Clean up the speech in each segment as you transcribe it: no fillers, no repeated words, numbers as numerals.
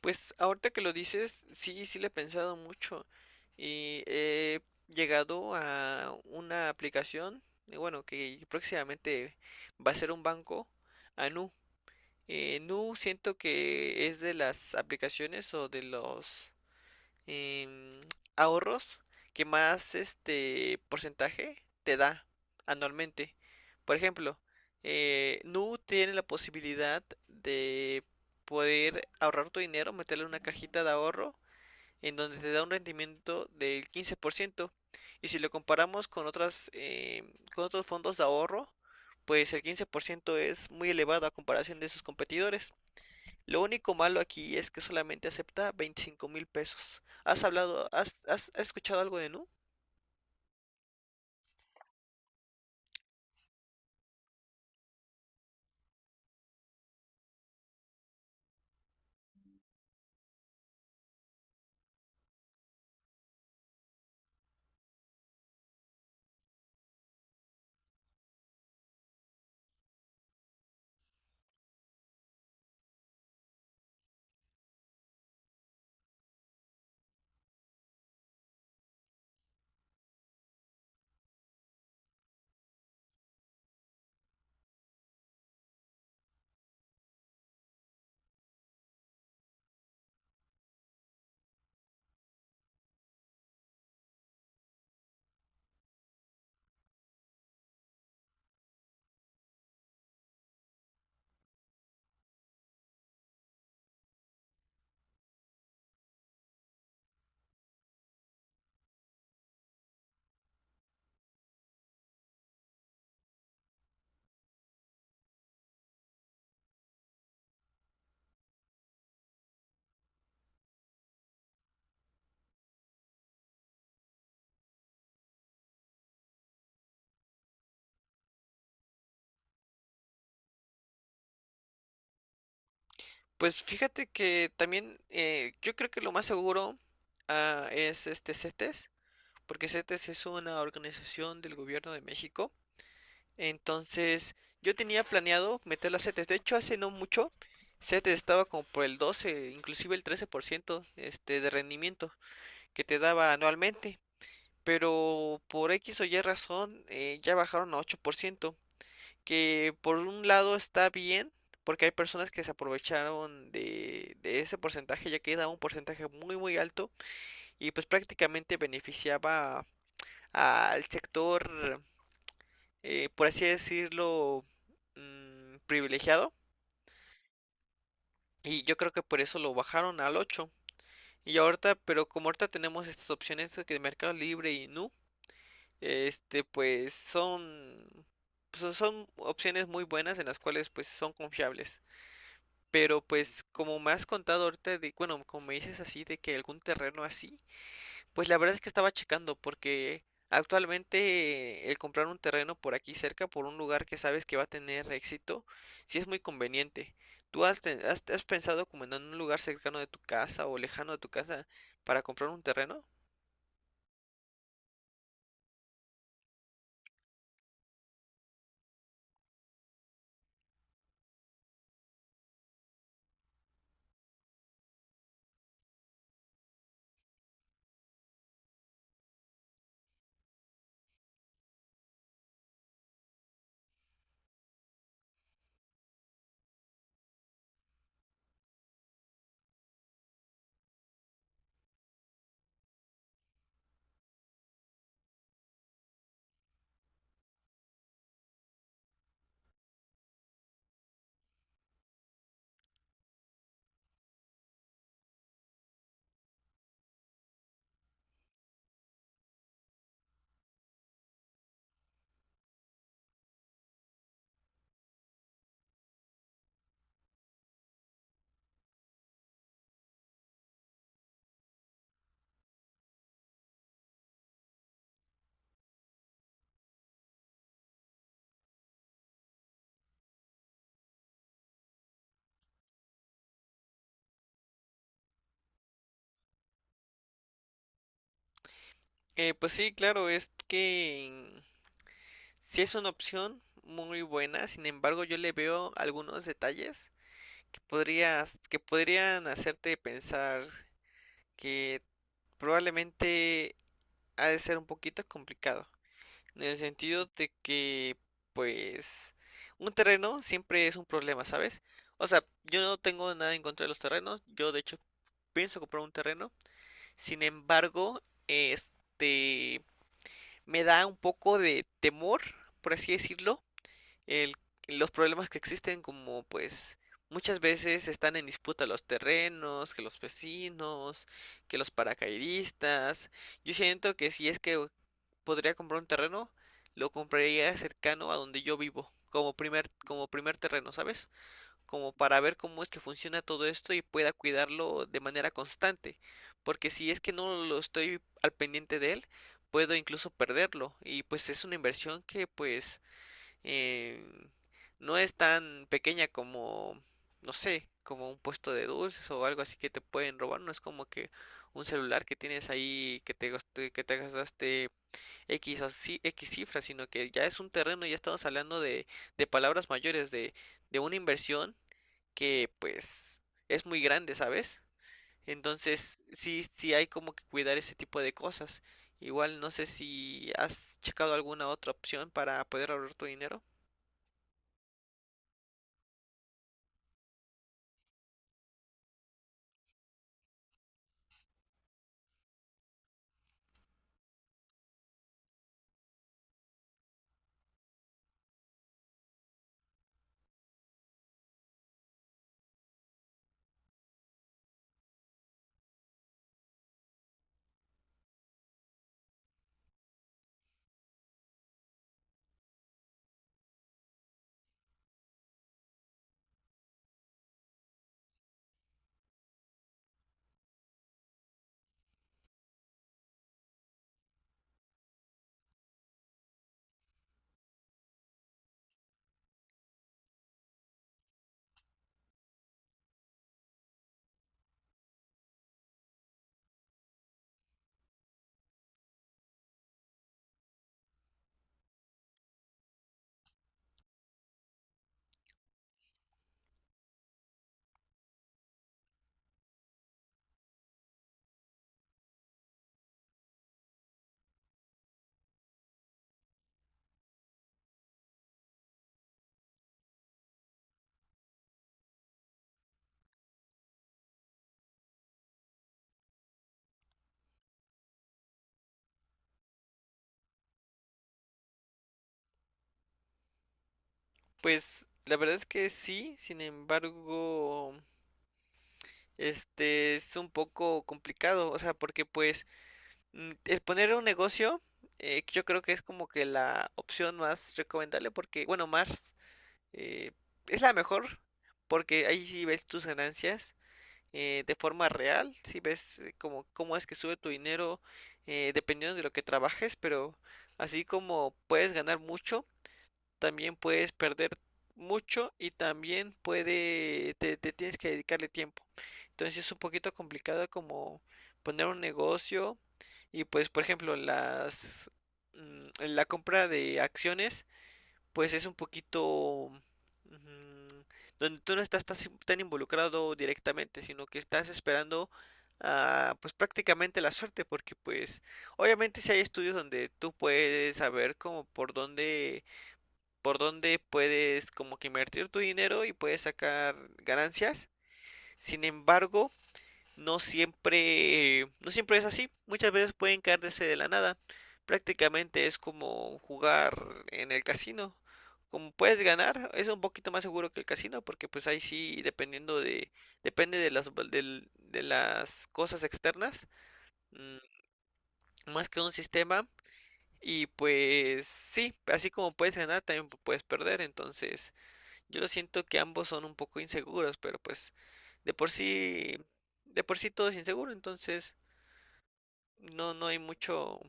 Pues ahorita que lo dices, sí, sí le he pensado mucho y he llegado a una aplicación, bueno, que próximamente va a ser un banco, a Nu. Nu siento que es de las aplicaciones o de los em, ahorros que más este porcentaje te da anualmente. Por ejemplo, Nu tiene la posibilidad de poder ahorrar tu dinero, meterle en una cajita de ahorro en donde te da un rendimiento del 15%. Y si lo comparamos con con otros fondos de ahorro, pues el 15% es muy elevado a comparación de sus competidores. Lo único malo aquí es que solamente acepta 25 mil pesos. ¿Has hablado, has, has, has escuchado algo de Nu? Pues fíjate que también yo creo que lo más seguro es este CETES, porque CETES es una organización del gobierno de México. Entonces yo tenía planeado meter a CETES. De hecho, hace no mucho CETES estaba como por el 12, inclusive el 13% de rendimiento que te daba anualmente. Pero por X o Y razón ya bajaron a 8%, que por un lado está bien, porque hay personas que se aprovecharon de ese porcentaje, ya que daba un porcentaje muy muy alto y pues prácticamente beneficiaba al sector, por así decirlo, privilegiado. Y yo creo que por eso lo bajaron al 8. Y ahorita, pero como ahorita tenemos estas opciones de Mercado Libre y Nu, pues son opciones muy buenas en las cuales pues son confiables. Pero pues como me has contado ahorita de, bueno, como me dices así de que algún terreno así, pues la verdad es que estaba checando porque actualmente el comprar un terreno por aquí cerca, por un lugar que sabes que va a tener éxito, sí es muy conveniente. ¿Tú has pensado como en un lugar cercano de tu casa o lejano de tu casa para comprar un terreno? Pues sí, claro, es que sí es una opción muy buena, sin embargo yo le veo algunos detalles que podrías, que podrían hacerte pensar que probablemente ha de ser un poquito complicado, en el sentido de que, pues, un terreno siempre es un problema, ¿sabes? O sea, yo no tengo nada en contra de los terrenos, yo de hecho pienso comprar un terreno, sin embargo, este, me da un poco de temor, por así decirlo, el- los problemas que existen como pues muchas veces están en disputa los terrenos, que los vecinos, que los paracaidistas. Yo siento que si es que podría comprar un terreno, lo compraría cercano a donde yo vivo, como primer terreno, ¿sabes? Como para ver cómo es que funciona todo esto y pueda cuidarlo de manera constante. Porque si es que no lo estoy al pendiente de él, puedo incluso perderlo. Y pues es una inversión que pues eh, no es tan pequeña como, no sé, como un puesto de dulces o algo así que te pueden robar, no es como que un celular que tienes ahí que te gastaste X o X cifras, sino que ya es un terreno, ya estamos hablando de palabras mayores, de una inversión que pues es muy grande, ¿sabes? Entonces, sí, sí hay como que cuidar ese tipo de cosas. Igual no sé si has checado alguna otra opción para poder ahorrar tu dinero. Pues la verdad es que sí, sin embargo, este es un poco complicado, o sea, porque pues el poner un negocio, yo creo que es como que la opción más recomendable, porque, bueno, más eh, es la mejor, porque ahí sí ves tus ganancias de forma real, sí ves como cómo es que sube tu dinero dependiendo de lo que trabajes, pero así como puedes ganar mucho también puedes perder mucho y también te tienes que dedicarle tiempo. Entonces es un poquito complicado como poner un negocio y pues por ejemplo la compra de acciones pues es un poquito mm, donde tú no estás tan, si, tan involucrado directamente, sino que estás esperando pues prácticamente la suerte porque pues obviamente si hay estudios donde tú puedes saber como por donde puedes como que invertir tu dinero y puedes sacar ganancias. Sin embargo, no siempre, no siempre es así. Muchas veces pueden caerse de la nada. Prácticamente es como jugar en el casino. Como puedes ganar, es un poquito más seguro que el casino porque pues ahí sí dependiendo de depende de las cosas externas, mm, más que un sistema y pues sí, así como puedes ganar también puedes perder, entonces yo siento que ambos son un poco inseguros, pero pues de por sí, de por sí todo es inseguro, entonces no, no hay mucho.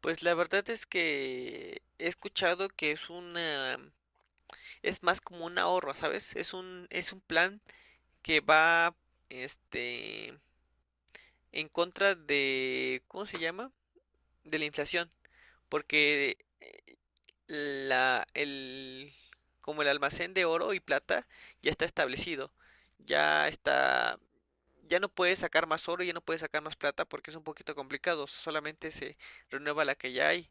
Pues la verdad es que he escuchado que es es más como un ahorro, ¿sabes? Es un plan que va, este, en contra de, ¿cómo se llama? De la inflación, porque el, como el almacén de oro y plata ya está establecido. Ya está, ya no puedes sacar más oro, y ya no puedes sacar más plata porque es un poquito complicado. Solamente se renueva la que ya hay.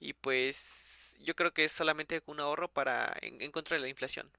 Y pues yo creo que es solamente un ahorro para en contra de la inflación.